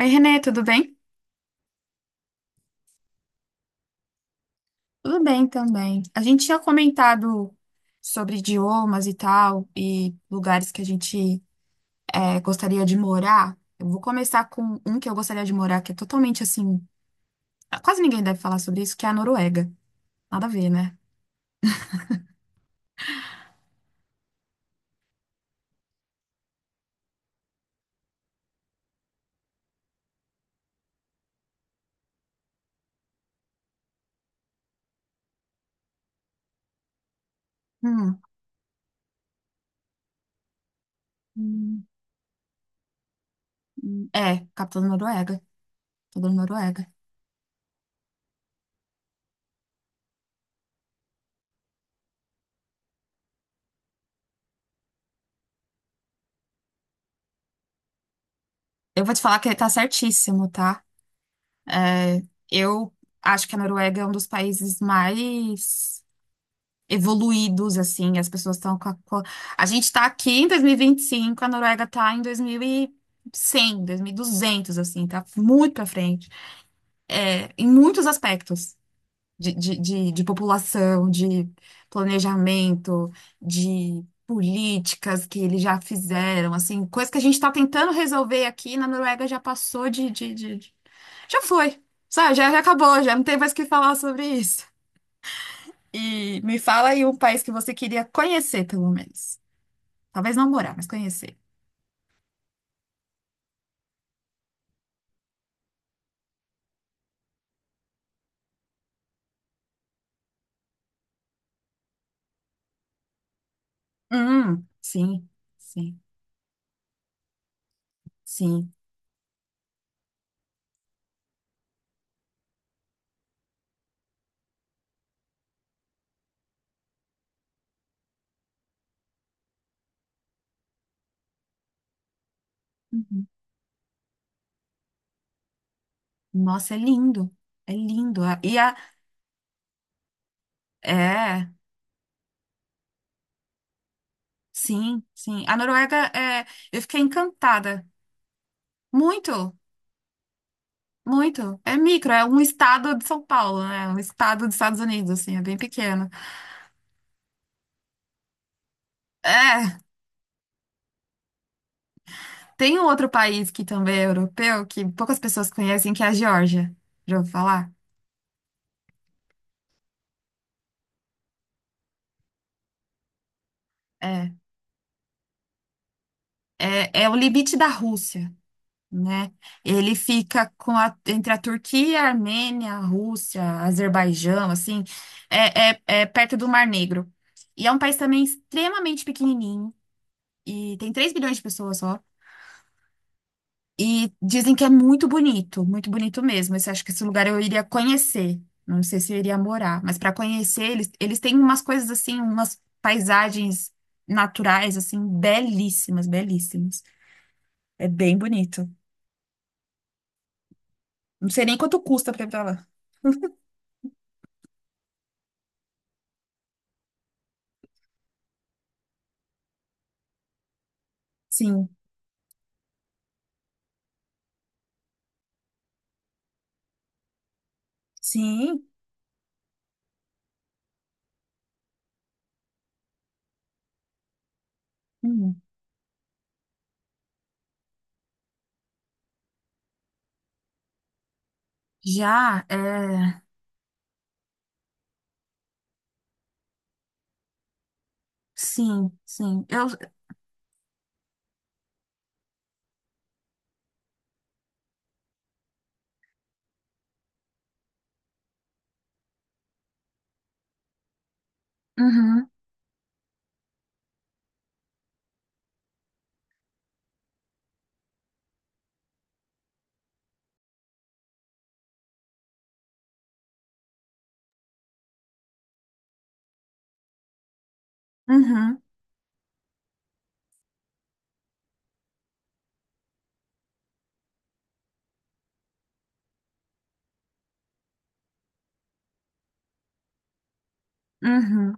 Oi, Renê, tudo bem? Tudo bem também. A gente tinha comentado sobre idiomas e tal, e lugares que a gente gostaria de morar. Eu vou começar com um que eu gostaria de morar, que é totalmente assim. Quase ninguém deve falar sobre isso, que é a Noruega. Nada a ver, né? Hum. Hum, É, capital da Noruega. Capital da Noruega. Eu vou te falar que ele tá certíssimo, tá? É, eu acho que a Noruega é um dos países mais evoluídos, assim, as pessoas estão a gente está aqui em 2025, a Noruega está em 2100, 2200, assim, tá muito pra frente, em muitos aspectos, de população, de planejamento, de políticas que eles já fizeram, assim, coisa que a gente está tentando resolver aqui na Noruega já passou já foi, sabe, já acabou, já não tem mais o que falar sobre isso. E me fala aí um país que você queria conhecer, pelo menos. Talvez não morar, mas conhecer. Sim, sim, sim. Nossa, é lindo. É lindo. A- E a. É, sim, sim. A Noruega é. Eu fiquei encantada. Muito, muito. É micro, é um estado de São Paulo, né? Um estado dos Estados Unidos, assim, é bem pequeno. É, tem um outro país que também é europeu, que poucas pessoas conhecem, que é a Geórgia. Já ouviu falar? É. É o limite da Rússia, né? Ele fica entre a Turquia, a Armênia, a Rússia, Azerbaijão, assim, é perto do Mar Negro. E é um país também extremamente pequenininho, e tem 3 bilhões de pessoas só. E dizem que é muito bonito mesmo. Acho que esse lugar eu iria conhecer. Não sei se eu iria morar, mas para conhecer, eles têm umas coisas assim, umas paisagens naturais, assim, belíssimas, belíssimas. É bem bonito. Não sei nem quanto custa pra ir pra lá. Sim, sim. Hum. Já, é. Sim, sim. Eu. Uhum, uhum, uhum,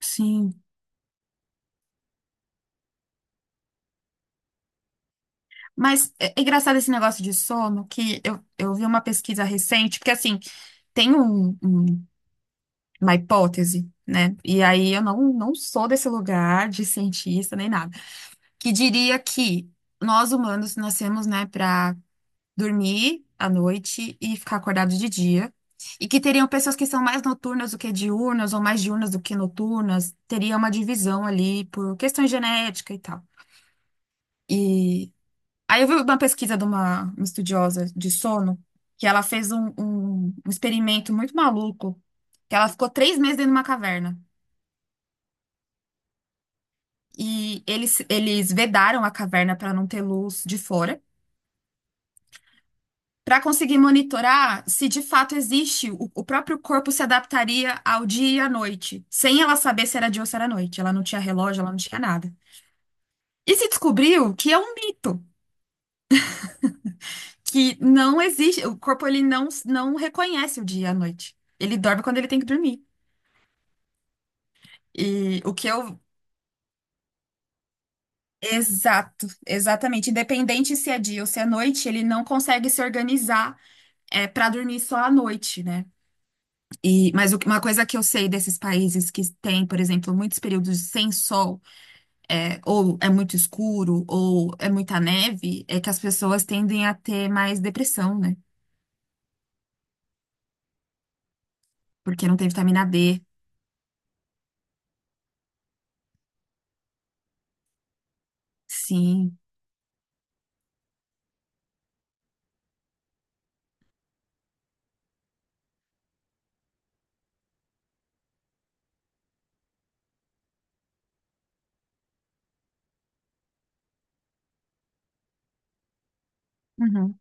sim. Mas é engraçado esse negócio de sono, que eu vi uma pesquisa recente, porque assim, tem uma hipótese, né? E aí eu não sou desse lugar de cientista nem nada, que diria que nós humanos nascemos, né, dormir à noite e ficar acordado de dia. E que teriam pessoas que são mais noturnas do que diurnas, ou mais diurnas do que noturnas, teria uma divisão ali por questão genética e tal. E aí eu vi uma pesquisa de uma estudiosa de sono, que ela fez um experimento muito maluco, que ela ficou 3 meses dentro de uma caverna. E eles vedaram a caverna para não ter luz de fora. Para conseguir monitorar se de fato existe, o próprio corpo se adaptaria ao dia e à noite, sem ela saber se era dia ou se era noite. Ela não tinha relógio, ela não tinha nada. E se descobriu que é um mito, que não existe, o corpo ele não reconhece o dia e a noite. Ele dorme quando ele tem que dormir. E o que eu. Exato, exatamente. Independente se é dia ou se é noite, ele não consegue se organizar para dormir só à noite, né? E, mas o que- uma coisa que eu sei desses países que têm, por exemplo, muitos períodos sem sol, ou é muito escuro, ou é muita neve, é que as pessoas tendem a ter mais depressão, né? Porque não tem vitamina D. Sim. Uhum.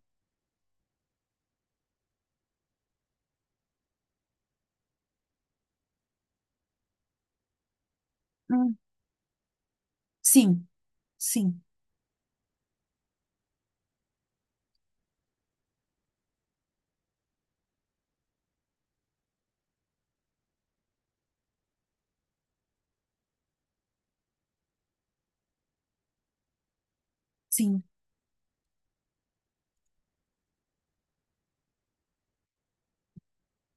Hum. Sim, sim, sim,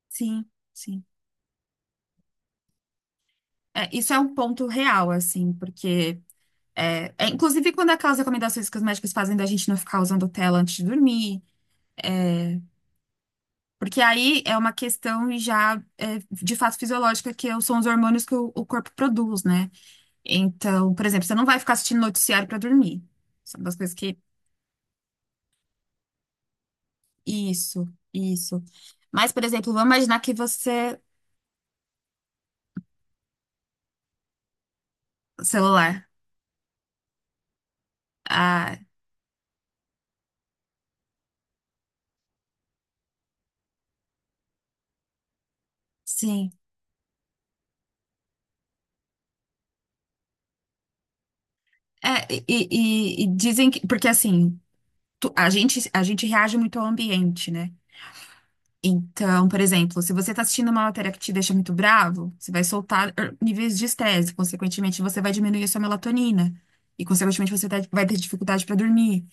sim, sim. É, isso é um ponto real, assim, porque. É, inclusive, quando aquelas recomendações que os médicos fazem da gente não ficar usando tela antes de dormir. é, Porque aí é uma questão já de fato fisiológica, que são os hormônios que o corpo produz, né? Então, por exemplo, você não vai ficar assistindo noticiário para dormir. São das coisas que. Isso, isso. Mas, por exemplo, vamos imaginar que você. Celular. Ah, sim. É, e dizem que. Porque assim, a gente reage muito ao ambiente, né? Então, por exemplo, se você está assistindo uma matéria que te deixa muito bravo, você vai soltar níveis de estresse, consequentemente, você vai diminuir a sua melatonina, e, consequentemente, você vai ter dificuldade para dormir.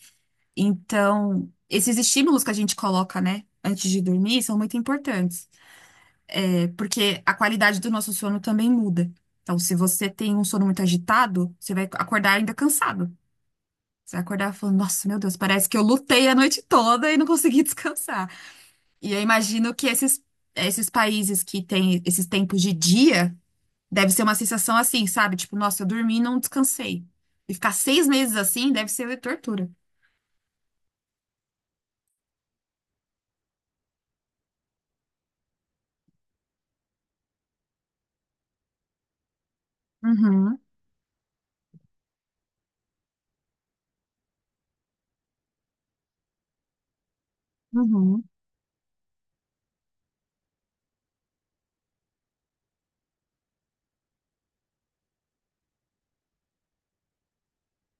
Então, esses estímulos que a gente coloca, né, antes de dormir, são muito importantes, porque a qualidade do nosso sono também muda. Então, se você tem um sono muito agitado, você vai acordar ainda cansado. Você vai acordar falando, nossa, meu Deus, parece que eu lutei a noite toda e não consegui descansar. E eu imagino que esses países que têm esses tempos de dia, deve ser uma sensação assim, sabe? Tipo, nossa, eu dormi e não descansei. E ficar 6 meses assim deve ser tortura. Uhum, uhum.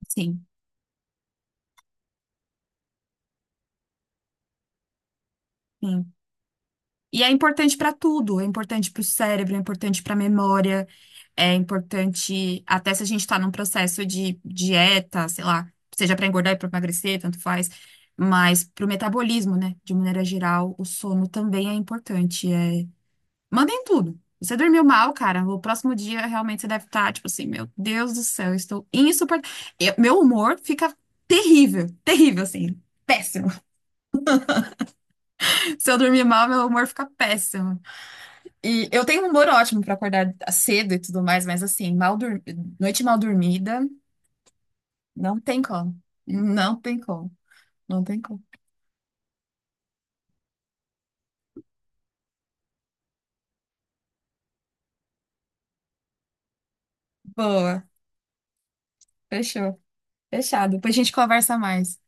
Sim, sim. E é importante para tudo. É importante para o cérebro, é importante para a memória, é importante até se a gente está num processo de dieta, sei lá, seja para engordar e para emagrecer, tanto faz. Mas para o metabolismo, né? De maneira geral, o sono também é importante. Mandem tudo. Você dormiu mal, cara. O próximo dia realmente você deve estar, tipo assim, meu Deus do céu, eu estou insuportável. Meu humor fica terrível, terrível, assim, péssimo. Se eu dormir mal, meu humor fica péssimo. E eu tenho um humor ótimo pra acordar cedo e tudo mais, mas assim, noite mal dormida, não tem como. Não tem como. Não tem como. Boa. Fechou. Fechado. Depois a gente conversa mais.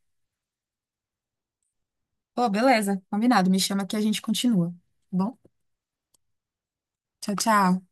Pô, beleza. Combinado. Me chama que a gente continua, tá? Bom, tchau, tchau.